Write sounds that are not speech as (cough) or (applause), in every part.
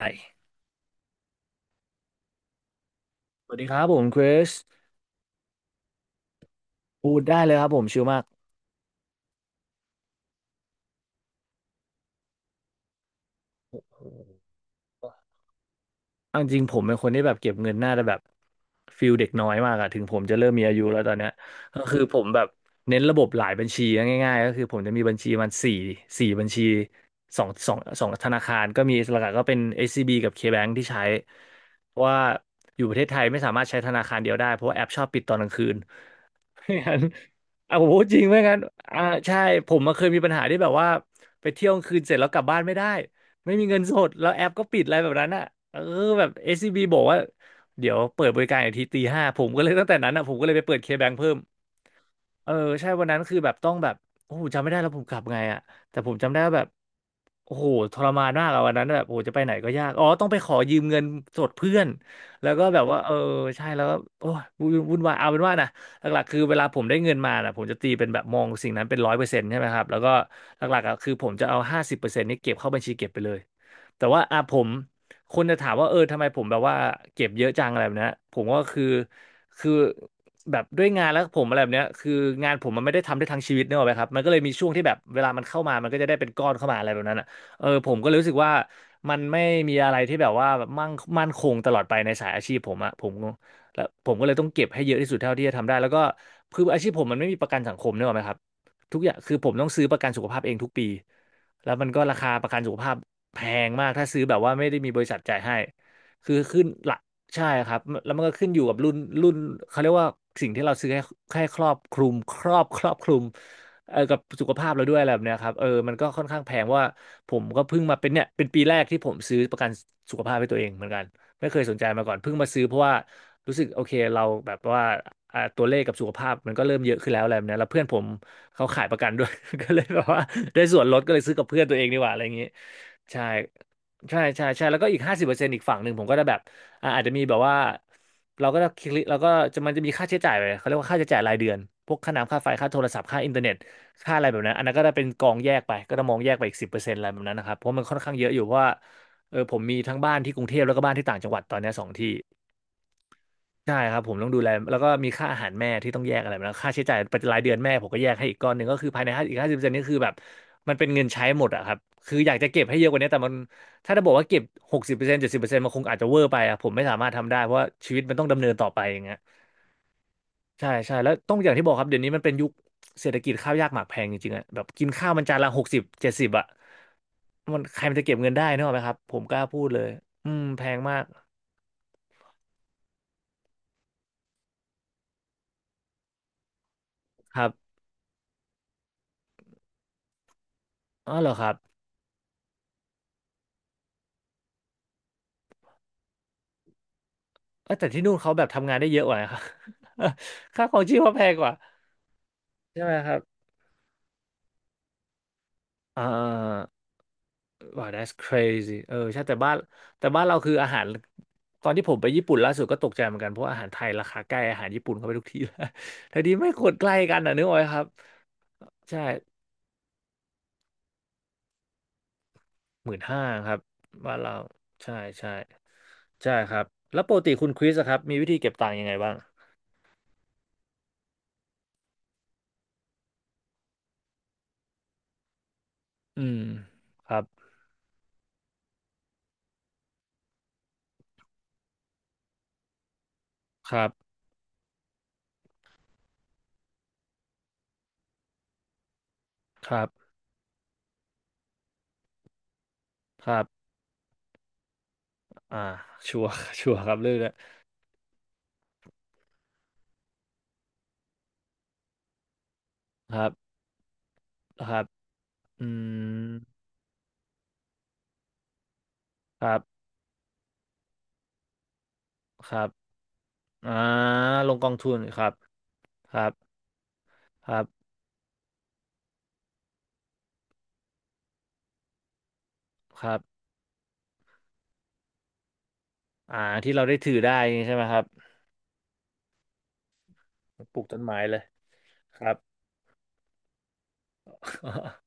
ไปสวัสดีครับผมคริสพูดได้เลยครับผมชิลมากเอาจริงๆผมเป็นคนที่แบบเก็บเงินน่าจะแบบฟิลเด็กน้อยมากอะถึงผมจะเริ่มมีอายุแล้วตอนเนี้ยก็คือผมแบบเน้นระบบหลายบัญชีนะง่ายๆก็คือผมจะมีบัญชีมันสี่บัญชีสองธนาคารก็มีหลักๆก็เป็น SCB กับ KBank ที่ใช้เพราะว่าอยู่ประเทศไทยไม่สามารถใช้ธนาคารเดียวได้เพราะว่าแอปชอบปิดตอนกลางคืน ไม่งั้นอ่ะผมพูดจริงไม่งั้นอ่าใช่ผมมาเคยมีปัญหาที่แบบว่าไปเที่ยวกลางคืนเสร็จแล้วกลับบ้านไม่ได้ไม่มีเงินสดแล้วแอปก็ปิดอะไรแบบนั้นอ่ะเออแบบ SCB บอกว่าเดี๋ยวเปิดบริการอีกทีตีห้าผมก็เลยตั้งแต่นั้นอ่ะผมก็เลยไปเปิดเคแบงเพิ่มเออใช่วันนั้นคือแบบต้องแบบโอ้โหจำไม่ได้แล้วผมกลับไงอ่ะแต่ผมจำได้ว่าแบบโอ้โหทรมานมากอะวันนั้นแบบโอ้โหจะไปไหนก็ยากอ๋อต้องไปขอยืมเงินสดเพื่อนแล้วก็แบบว่าเออใช่แล้วก็โอ้ยวุ่นวนวายเอาเป็นว่านะ หลักๆคือเวลาผมได้เงินมาน่ะผมจะตีเป็นแบบมองสิ่งนั้นเป็น100%ใช่ไหมครับแล้วก็หลักๆอ่ะคือผมจะเอาห้าสิบเปอร์เซ็นต์นี้เก็บเข้าบัญชีเก็บไปเลยแต่ว่าอ่ะผมคนจะถามว่าเออทำไมผมแบบว่าเก็บเยอะจังอะไรแบบเนี้ยผมก็คือแบบด้วยงานแล้วผมอะไรแบบเนี้ยคืองานผมมันไม่ได้ทำได้ทั้งชีวิตเนกอะไหมครับมันก็เลยมีช่วงที่แบบเวลามันเข้ามามันก็จะได้เป็นก้อนเข้ามาอะไรแบบนั้นอ่ะเออผมก็เลยรู้สึกว่ามันไม่มีอะไรที่แบบว่ามั่งมั่นคงตลอดไปในสายอาชีพผมอ่ะผม แล้วผมก็เลยต้องเก็บให้เยอะที่สุดเท่าที่จะทำได้แล้วก็คืออาชีพผมมันไม่มีประกันสังคมเนกอะไหมครับทุกอย่างคือผมต้องซื้อประกันสุขภาพเองทุกปีแล้วมันก็ราคาประกันสุขภาพแพงมากถ้าซื้อแบบว่าไม่ได้มีบริษัทจ่ายให้คือขึ้นหละใช่ครับแล้วมันก็ขึ้นอยู่กับรุ่นเขาเรียกว่าสิ่งที่เราซื้อให้ให้ครอบคลุมครอบคลุมเออกับสุขภาพเราด้วยอะไรแบบเนี้ยครับเออมันก็ค่อนข้างแพงว่าผมก็เพิ่งมาเป็นเนี่ยเป็นปีแรกที่ผมซื้อประกันสุขภาพให้ตัวเองเหมือนกันไม่เคยสนใจมาก่อนเพิ่งมาซื้อเพราะว่า รู้สึกโอเคเราแบบว่าอ่าตัวเลขกับสุขภาพมันก็เริ่มเยอะขึ้นแล้วอะไรแบบเนี้ยแล้วเพื่อนผมเขาขายประกัน (laughs) ด้วย (laughs) ก็เลยแบบว่าได้ส่วนลดก็เลยซื้อกับเพื่อนตัวเองดีกว่าอะไรอย่างงี้ใช่ใช่ใช่ใช่แล้วก็อีกห้าสิบเปอร์เซ็นต์อีกฝั่งหนึ่งผมก็ได้แบบอ่าอาจจะมีแบบว่าเราก็ได้คลิกเราก็จะมันจะมีค่าใช้จ่ายไปเขาเรียกว่าค่าใช้จ่ายรายเดือนพวกค่าน้ำค่าไฟค่าโทรศัพท์ค่าอินเทอร์เน็ตค่าอะไรแบบนั้นอันนั้นก็ได้เป็นกองแยกไปก็จะมองแยกไปอีกสิบเปอร์เซ็นต์อะไรแบบนั้นนะครับเพราะมันค่อนข้างเยอะอยู่เพราะว่าเออผมมีทั้งบ้านที่กรุงเทพแล้วก็บ้านที่ต่างจังหวัดตอนเนี้ยสองที่ ใช่ครับผมต้องดูแลแล้วก็มีค่าอาหารแม่ที่ต้องแยกอะไรมาแล้วค่าใช้จ่ายประจำรายเดือนแม่ผมก็แยกให้อีกก้อนหนึ่งก็คือภายในห้าสิบเปอร์เซ็นต์นี่คือแบบมันเป็นเงินใช้หมดอะครับคืออยากจะเก็บให้เยอะกว่านี้แต่มันถ้าจะบอกว่าเก็บ60%70%มันคงอาจจะเวอร์ไปอะผมไม่สามารถทำได้เพราะว่าชีวิตมันต้องดำเนินต่อไปอย่างเงี้ยใช่ใช่แล้วต้องอย่างที่บอกครับเดี๋ยวนี้มันเป็นยุคเศรษฐกิจข้าวยากหมากแพงจริงๆอะแบบกินข้าวมันจานละหกสิบเจ็ดสิบอะมันใครมันจะเก็บเงินได้นึกออกไหมครับผมกล้าพูดเลยอืมแพงมากครับอ๋อเหรอครับ เออแต่ที่นู่นเขาแบบทำงานได้เยอะกว่าครับ (laughs) ค่าของชีพเขาแพงกว่าใช่ไหมครับอ่าว้าว that's crazy เออใช่แต่บ้านเราคืออาหารตอนที่ผมไปญี่ปุ่นล่าสุดก็ตกใจเหมือนกันเพราะอาหารไทยราคาใกล้อาหารญี่ปุ่นเข้าไปทุกทีแล้ว (laughs) แต่ดีไม่ควรใกล้กันอ่ะนึกออกไหมครับใช่15,000ครับบ้านเราใช่ใช่ใช่ครับแล้วปกติคุณคริสอะครับมีวิธีเก็บตังค์ยังไงบ้างอืมครับครับครับครับอ่าชัวร์ (laughs) ชัวร์ครับเรื่องเนี้ยครับ ครับอืมครับ ครับอ่าลงกองทุน ครับ ครับ ครับ ครับอ่าที่เราได้ถือได้ใช่ไหมครับ ปลูกต้นไม้เลย ครับ (laughs)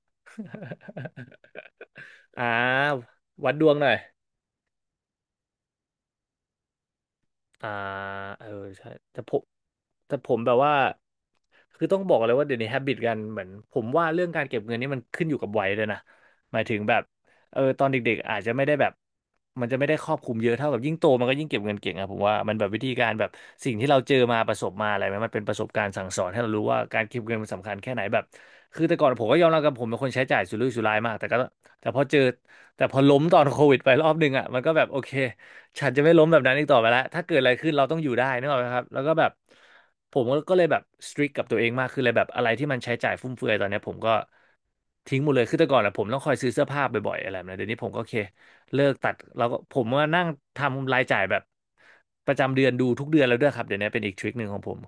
อ่าวัดดวงหน่อย อ่าเออใช่แต่ผมแบบว่าคือต้องบอกเลยว่าเดี๋ยวนี้ฮ a บิตกันเหมือนผมว่าเรื่องการเก็บเงินนี่มันขึ้นอยู่กับวัยด้วยนะหมายถึงแบบเออตอนเด็กๆอาจจะไม่ได้แบบมันจะไม่ได้ครอบคลุมเยอะเท่าแบบยิ่งโตมันก็ยิ่งเก็บเงินเก่งอะผมว่ามันแบบวิธีการแบบสิ่งที่เราเจอมาประสบมาอะไรไหมมันเป็นประสบการณ์สั่งสอนให้เรารู้ว่าการเก็บเงินมันสำคัญแค่ไหนแบบคือแต่ก่อนผมก็ยอมรับกับผมเป็นคนใช้จ่ายสุรุ่ยสุร่ายมากแต่ก็แต่พอเจอแต่พอล้มตอนโควิดไปรอบนึงอะมันก็แบบโอเค ฉันจะไม่ล้มแบบนั้นอีกต่อไปแล้ว ถ้าเกิดอะไรขึ้นเราต้องอยู่ได้นึกออกไหมครับแล้วก็แบบผมก็เลยแบบสตริกกับตัวเองมากขึ้นเลยแบบอะไรที่มันใช้จ่ายฟุ่มเฟือยตอนเนี้ยผมก็ทิ้งหมดเลยคือแต่ก่อนอะผมต้องคอยซื้อเสื้อผ้าบ่อยๆอะไรแบบนี้เดี๋ยวนี้ผมก็โอเคเลิกตัดแล้วก็ผมว่านั่งทำรายจ่ายแบบประจำเดือนดูทุกเดือนแล้วด้วยครับเดี๋ยวนี้เป็นอีกทริคหนึ่งของผม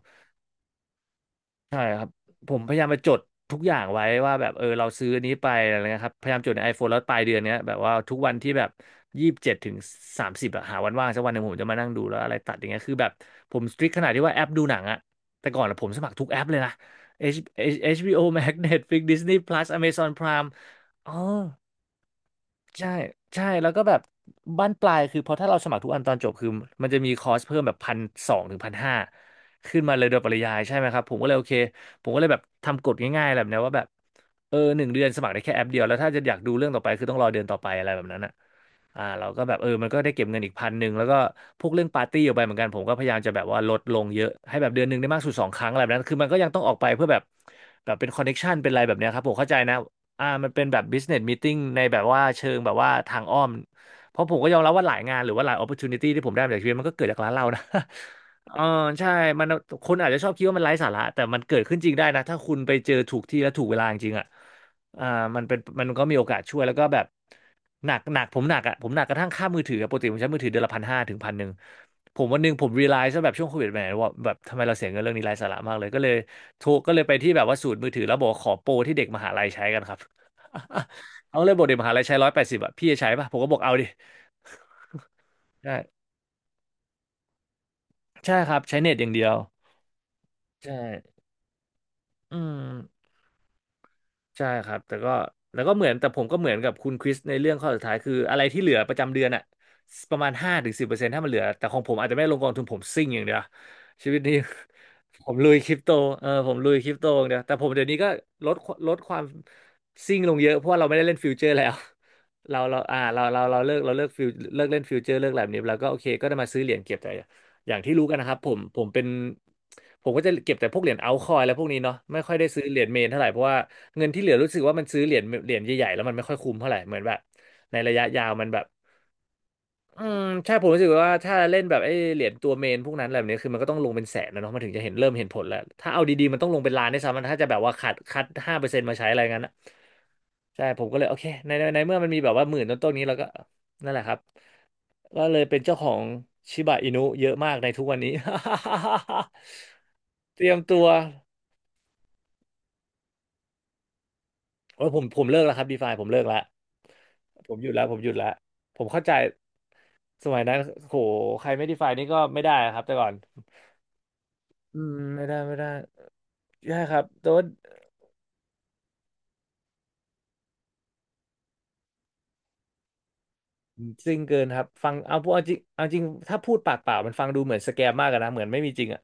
ใช่ครับผมพยายามมาจดทุกอย่างไว้ว่าแบบเออเราซื้ออันนี้ไปอะไรเงี้ยครับพยายามจดใน iPhone แล้วปลายเดือนเนี้ยแบบว่าทุกวันที่แบบ27-30อะหาวันว่างสักวันหนึ่งผมจะมานั่งดูแล้วอะไรตัดอย่างเงี้ยคือแบบผมสตริกขนาดที่ว่าแอปดูหนังอะแต่ก่อนอะผมสมัครทุกแอปเลยนะ H HBO Max Netflix Disney Plus Amazon Prime อ๋อ ใช่ใช่ แล้วก็แบบบ้านปลายคือเพราะถ้าเราสมัครทุกอันตอนจบคือมันจะมีคอร์สเพิ่มแบบ1,200-1,500ขึ้นมาเลยโดยปริยายใช่ไหมครับผมก็เลยโอเคผมก็เลยแบบทำกฎง่ายๆแบบเนี้ยว่าแบบเออหนึ่งเดือนสมัครได้แค่แอปเดียวแล้วถ้าจะอยากดูเรื่องต่อไปคือต้องรอเดือนต่อไปอะไรแบบนั้นอ่ะอ่าเราก็แบบเออมันก็ได้เก็บเงินอีกพันหนึ่งแล้วก็พวกเรื่องปาร์ตี้ออกไปเหมือนกันผมก็พยายามจะแบบว่าลดลงเยอะให้แบบเดือนหนึ่งได้มากสุด2 ครั้งอะไรแบบนั้นคือมันก็ยังต้องออกไปเพื่อแบบแบบเป็นคอนเน็กชันเป็นอะไรแบบเนี้ยครับผมเข้าใจนะ อ่ามันเป็นแบบ business meeting ในแบบว่าเชิงแบบว่าทางอ้อมเพราะผมก็ยอมรับว่าหลายงานหรือว่าหลาย opportunity ที่ผมได้มาจากชีวิตมันก็เกิดจากร้านเรานะ (laughs) เออใช่มันคนอาจจะชอบคิดว่ามันไร้สาระแต่มันเกิดขึ้นจริงได้นะถ้าคุณไปเจอถูกที่และถูกเวลาจริงๆอ่ะอ่ามันเป็นมันก็มีโอกาสช่วยแล้วก็แบบหนักหนักผมหนักอ่ะผมหนักกระทั่งค่ามือถืออะปกติผมใช้มือถือเดือนละ1,500-1,100ผมวันหนึ่งผม realize ว่าแบบช่วงโควิดแหมว่าแบบทำไมเราเสียเงินเรื่องนี้ไร้สาระมากเลยก็เลยโทรก็เลยไปที่แบบว่าศูนย์มือถือแล้วบอกว่าขอโปรที่เด็กมหาลัยใช้กันครับ (laughs) เขาเลยบอกเด็มหาลัยใช้180อะพี่จะใช้ป่ะผมก็บอกเอาดิใช่ใช่ครับใช้เน็ตอย่างเดียวใช่อืม ใช่ครับแต่ก็แล้วก็เหมือนแต่ผมก็เหมือนกับคุณคริสในเรื่องข้อสุดท้ายคืออะไรที่เหลือประจำเดือนอะประมาณ5-10%ถ้ามันเหลือ แต่ของผมอาจจะไม่ลงกองทุนผมซิ่งอย่างเดียวชีวิตนี้ (laughs) ผมลุยคริปโตเออผมลุยคริปโตอย่างเดียวแต่ผมเดี๋ยวนี้ก็ลดลดความซิ่งลงเยอะ เพราะว่าเราไม่ได้เล่นฟิวเจอร์แล้ว เราเราอ่าเราเราเราเลิกเราเลิกฟิวเลิกเล่นฟิวเจอร์เลิกอะไรแบบนี้แล้วก็โอเคก็ได้มาซื้อเหรียญเก็บแต่ อย่างที่รู้กันนะครับผมเป็นผมก็จะเก็บแต่พวกเหรียญเอาท์คอยน์และพวกนี้เนาะไม่ค่อยได้ซื้อเหรียญเมนเท่าไหร่เพราะว่าเงินที่เหลือรู้สึกว่ามันซื้อเหรียญใหญ่ๆแล้วมันไม่ค่อยคุ้มเท่าไหร่เหมือนแบบในระยะยาวมันแบบ อืมใช่ผมรู้สึกว่าถ้าเล่นแบบไอ้เหรียญตัวเมนพวกนั้นอะไรแบบนี้คือมันก็ต้องลงเป็นแสนนะเนาะมันถึงจะเห็นเริ่มเห็นผลแล้วถ้าเอาดีๆมันต้องลงเป็นล้านได้วยซ้ำมันถ้าจะแบบว่าคัด5%มาใช้อะไรงั้นอะใช่ผมก็เลยโอเคในเมื่อมันมีแบบว่าหมื่นต้นๆนี้เราก็นั่นแหละครับก็เลยเป็นเจ้าของชิบะอินุเยอะมากในทุกวันนี้ (laughs) เตรียมตัวโอ้ยผมเลิกแล้วครับดีฟาผมเลิกแล้วผมหยุดแล้วผมเข้าใจสมัยนั้นโหใครไม่ดีไฟนี่ก็ไม่ได้ครับแต่ก่อน อืมไม่ได้ใช่ครับแต่ว่าจริงเกินครับฟังเอาพูดเอาจริงถ้าพูดปากเปล่ามันฟังดูเหมือนสแกมมากอะนะเหมือนไม่มีจริงอะ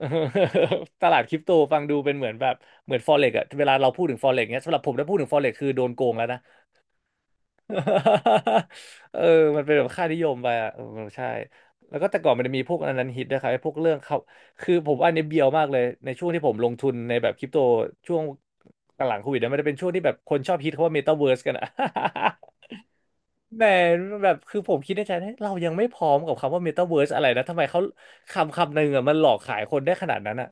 (laughs) ตลาดคริปโตฟังดูเป็นเหมือนแบบเหมือนฟอเร็กอะเวลาเราพูดถึงฟอเร็กเนี้ยสำหรับผมถ้าพูดถึงฟอเร็กคือโดนโกงแล้วนะ (laughs) เออมันเป็นแบบค่านิยมไปอ่ะเออใช่ แล้วก็แต่ก่อนมันจะมีพวกอันนั้นฮิตนะครับไอ้พวกเรื่องเขา คือผมว่าอันนี้เบียวมากเลยในช่วงที่ผมลงทุนในแบบคริปโตช่วงหลังโควิดนะมันจะเป็นช่วงที่แบบคนชอบฮิตเขาว่าเมตาเวิร์สกันอ่ะ (laughs) แหมแบบคือผมคิดในใจนะเรายังไม่พร้อมกับคำว่าเมตาเวิร์สอะไรนะทำไมเขาคำหนึ่งอ่ะมันหลอกขายคนได้ขนาดนั้นอ่ะ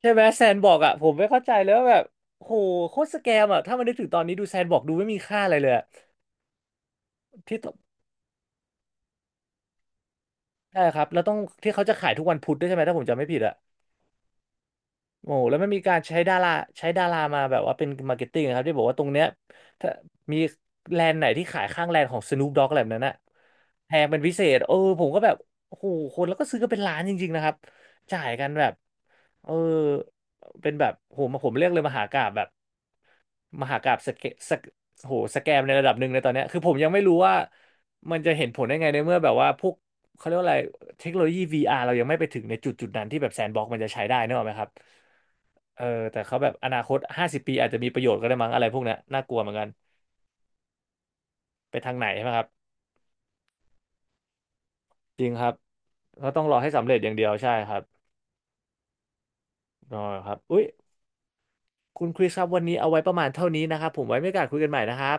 ใช่ไหมแซนบอกอ่ะผมไม่เข้าใจเลยว่าแบบโหโคตรสแกมอ่ะถ้ามันนึกถึงตอนนี้ดูแซนบอกดูไม่มีค่าอะไรเลยอะที่ ใช่ครับ แล้วต้องที่เขาจะขายทุกวันพุธด้วยใช่ไหม ถ้าผมจำไม่ผิดอะ โอ้แล้วมันมีการใช้ดาราใช้ดารามาแบบว่าเป็นมาร์เก็ตติ้งครับที่บอกว่าตรงเนี้ยถ้ามีแลนด์ไหนที่ขายข้างแลนด์ของ Snoop Dogg อะไรแบบนั้นน่ะแพงเป็นพิเศษ เออผมก็แบบโอ้โหคนแล้วก็ซื้อกันเป็นล้านจริงๆนะครับ จ่ายกันแบบ เออ เป็นแบบผมเรียกเลยมหากาพย์แบบมหากาพย์สเกสเกโหสแกมในระดับหนึ่งในตอนเนี้ยคือผมยังไม่รู้ว่ามันจะเห็นผลได้ไงในเมื่อแบบว่าพวกเขาเรียกว่าอะไรเทคโนโลยี VR เรายังไม่ไปถึงในจุดนั้นที่แบบแซนด์บ็อกมันจะใช้ได้นึกออกไหมครับ เออแต่เขาแบบอนาคต50 ปีอาจจะมีประโยชน์ก็ได้มั้งอะไรพวกเนี้ยน่ากลัวเหมือนกันไปทางไหนใช่ไหมครับจริงครับเขาต้องรอให้สำเร็จอย่างเดียวใช่ครับรอครับอุ้ยคุณคริสครับวันนี้เอาไว้ประมาณเท่านี้นะครับผมไว้มีโอกาสคุยกันใหม่นะครับ